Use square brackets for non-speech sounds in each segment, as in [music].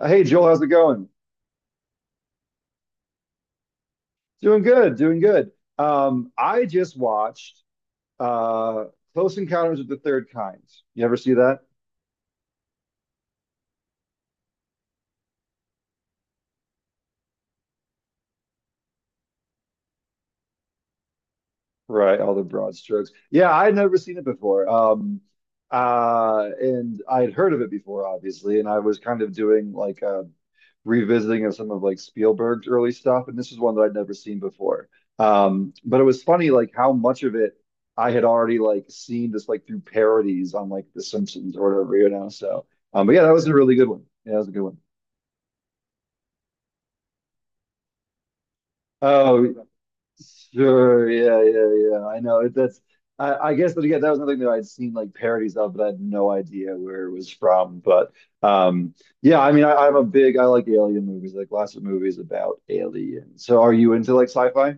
Hey, Joel, how's it going? Doing good, doing good. I just watched uh, Close Encounters of the Third Kind. You ever see that? Right, all the broad strokes. Yeah, I'd never seen it before. And I had heard of it before, obviously, and I was kind of doing like a revisiting of some of like Spielberg's early stuff, and this is one that I'd never seen before. But it was funny like how much of it I had already like seen just like through parodies on like The Simpsons or whatever. So, but yeah, that was a really good one. Yeah, that was a good one. Oh, sure, yeah, yeah, yeah. I know it, that's. I guess, but again, that was nothing that I'd seen like parodies of, but I had no idea where it was from. But um, yeah, I mean, I'm a big, I like alien movies, like lots of movies about aliens. So, are you into like sci-fi?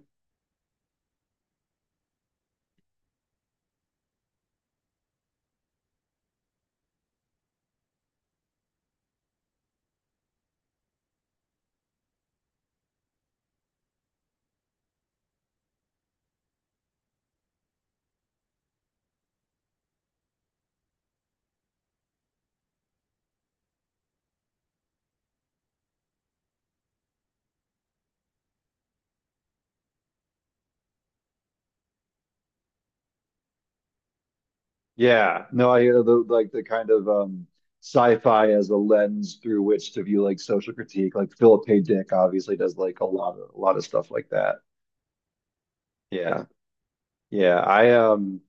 Yeah, no, I the like the kind of sci-fi as a lens through which to view like social critique. Like Philip K. Dick obviously does like a lot of stuff like that. Yeah. Yeah,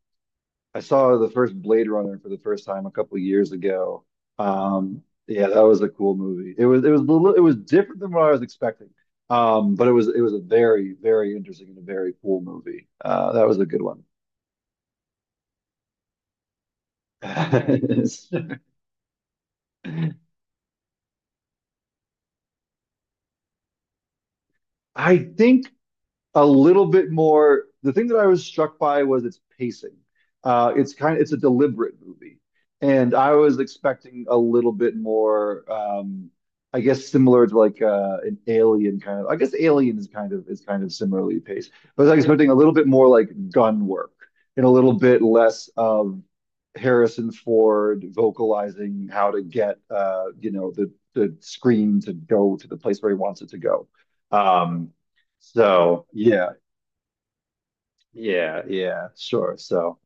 I saw the first Blade Runner for the first time a couple of years ago. Yeah, that was a cool movie. It was different than what I was expecting. But it was a very very interesting and a very cool movie. That was a good one. [laughs] I think a little bit more. The thing that I was struck by was its pacing. It's kind of it's a deliberate movie, and I was expecting a little bit more. I guess similar to like an Alien kind of. I guess Alien is kind of similarly paced, but I was expecting a little bit more like gun work and a little bit less of Harrison Ford vocalizing how to get the screen to go to the place where he wants it to go. Um, so yeah, yeah, yeah, sure. So,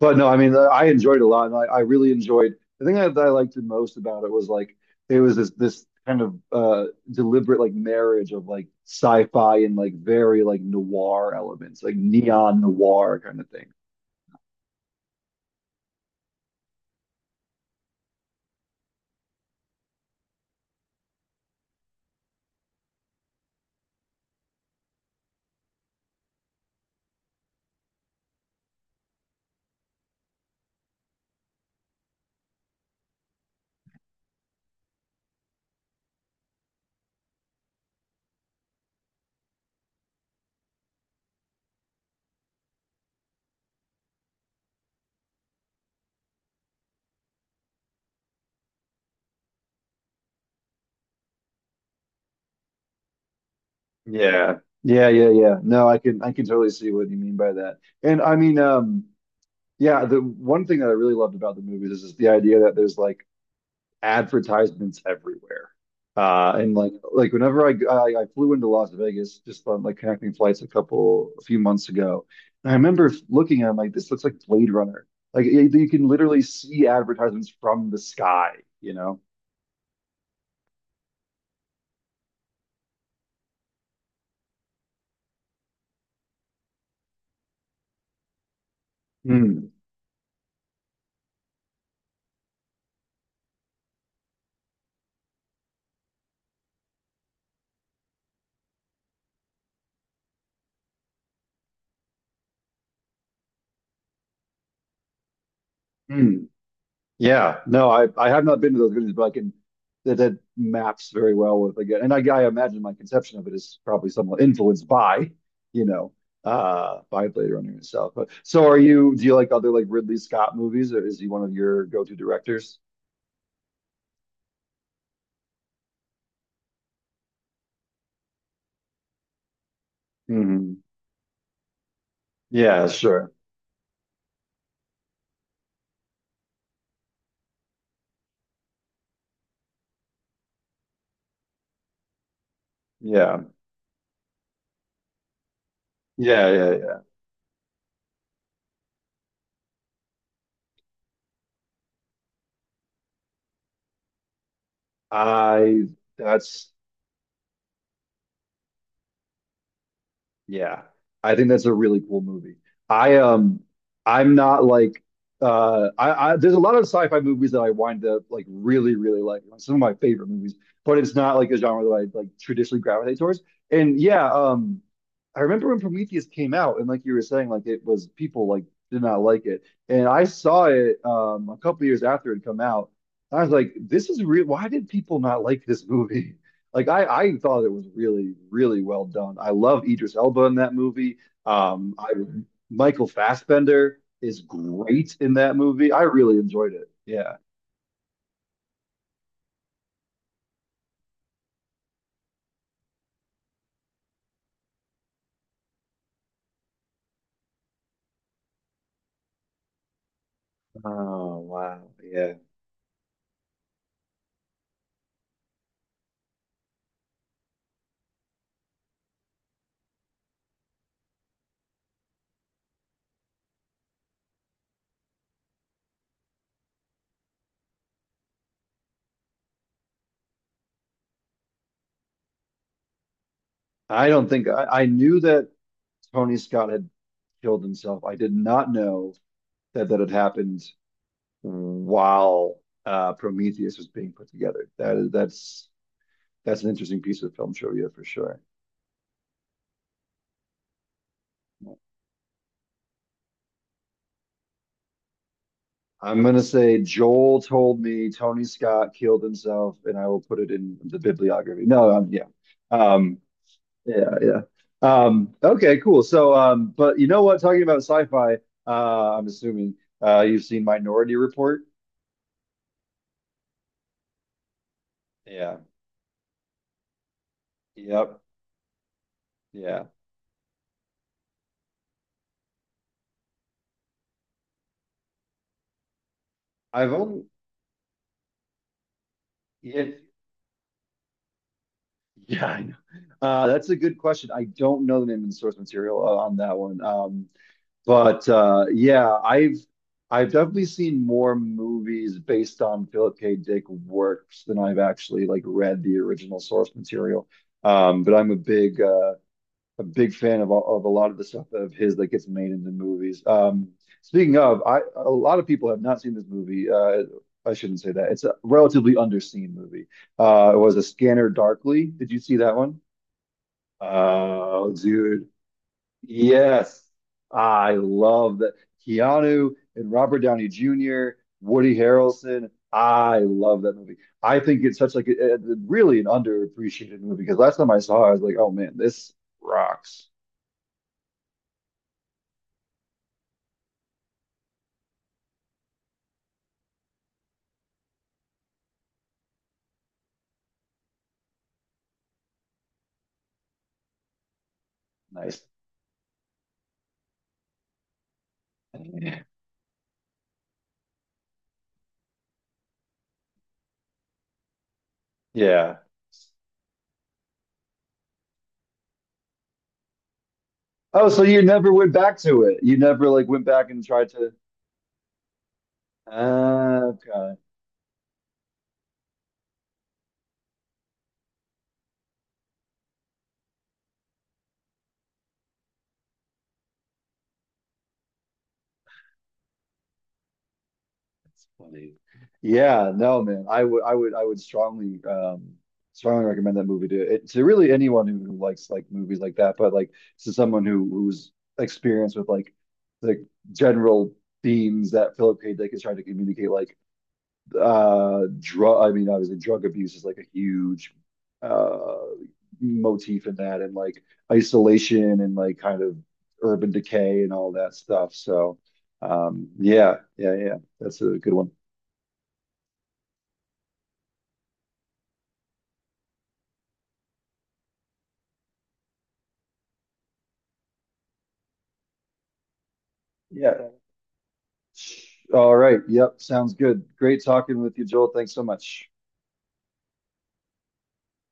but no, I mean, I enjoyed it a lot, and I really enjoyed. The thing that I liked the most about it was like it was this kind of deliberate like marriage of like sci-fi and like very like noir elements, like neon noir kind of thing. Yeah. Yeah, yeah, yeah. No, I can totally see what you mean by that. And I mean, yeah, the one thing that I really loved about the movies is just the idea that there's like advertisements everywhere. And like whenever I flew into Las Vegas just on like connecting flights a few months ago, and I remember looking at it, I'm like this looks like Blade Runner. Like you can literally see advertisements from the sky, you know. Mm, mm. Yeah, no, I have not been to those villages, but I can that that maps very well with again, and I imagine my conception of it is probably somewhat influenced by, you know, by Blade Runner itself. But so, are you? Do you like other like Ridley Scott movies, or is he one of your go-to directors? Hmm. Yeah, sure. Yeah, yeah, yeah, yeah. I that's. Yeah. I think that's a really cool movie. I um I'm not like I, there's a lot of sci-fi movies that I wind up like really, really like. Some of my favorite movies, but it's not like a genre that I like traditionally gravitate towards. And yeah, I remember when Prometheus came out and like you were saying, like it was people like did not like it. And I saw it a couple years after it had come out. I was like, this is real. Why did people not like this movie? Like I thought it was really, really well done. I love Idris Elba in that movie. I Michael Fassbender is great in that movie. I really enjoyed it. Yeah. Oh wow. Yeah. I don't think I knew that Tony Scott had killed himself. I did not know that that had happened while Prometheus was being put together. That's that's an interesting piece of film trivia for sure. I'm gonna say Joel told me Tony Scott killed himself, and I will put it in the bibliography. No, um, yeah, yeah. Okay, cool. So, but you know what? Talking about sci-fi, I'm assuming you've seen Minority Report. Yeah. Yep. Yeah. I've only yeah, yeah. I know. That's a good question. I don't know the name of the source material on that one. But yeah, I've definitely seen more movies based on Philip K. Dick works than I've actually like read the original source material. But I'm a big fan of all- of a lot of the stuff of his that gets made into movies. Speaking of, I a lot of people have not seen this movie. I shouldn't say that. It's a relatively underseen movie. It was a Scanner Darkly. Did you see that one? Oh, dude. Yes, I love that. Keanu and Robert Downey Jr., Woody Harrelson. I love that movie. I think it's such like really an underappreciated movie because last time I saw it, I was like, oh man, this rocks. Nice. Yeah. Oh, so you never went back to it. You never like went back and tried to. Okay. That's funny. Yeah, no, man. I would strongly, strongly recommend that movie to it, to really anyone who likes like movies like that. But like to someone who who's experienced with like the general themes that Philip K. Dick is trying to communicate, like drug. I mean, obviously, drug abuse is like a huge uh motif in that, and like isolation and like kind of urban decay and all that stuff. So, yeah, yeah, yeah. That's a good one. Yeah. All right. Yep. Sounds good. Great talking with you, Joel. Thanks so much.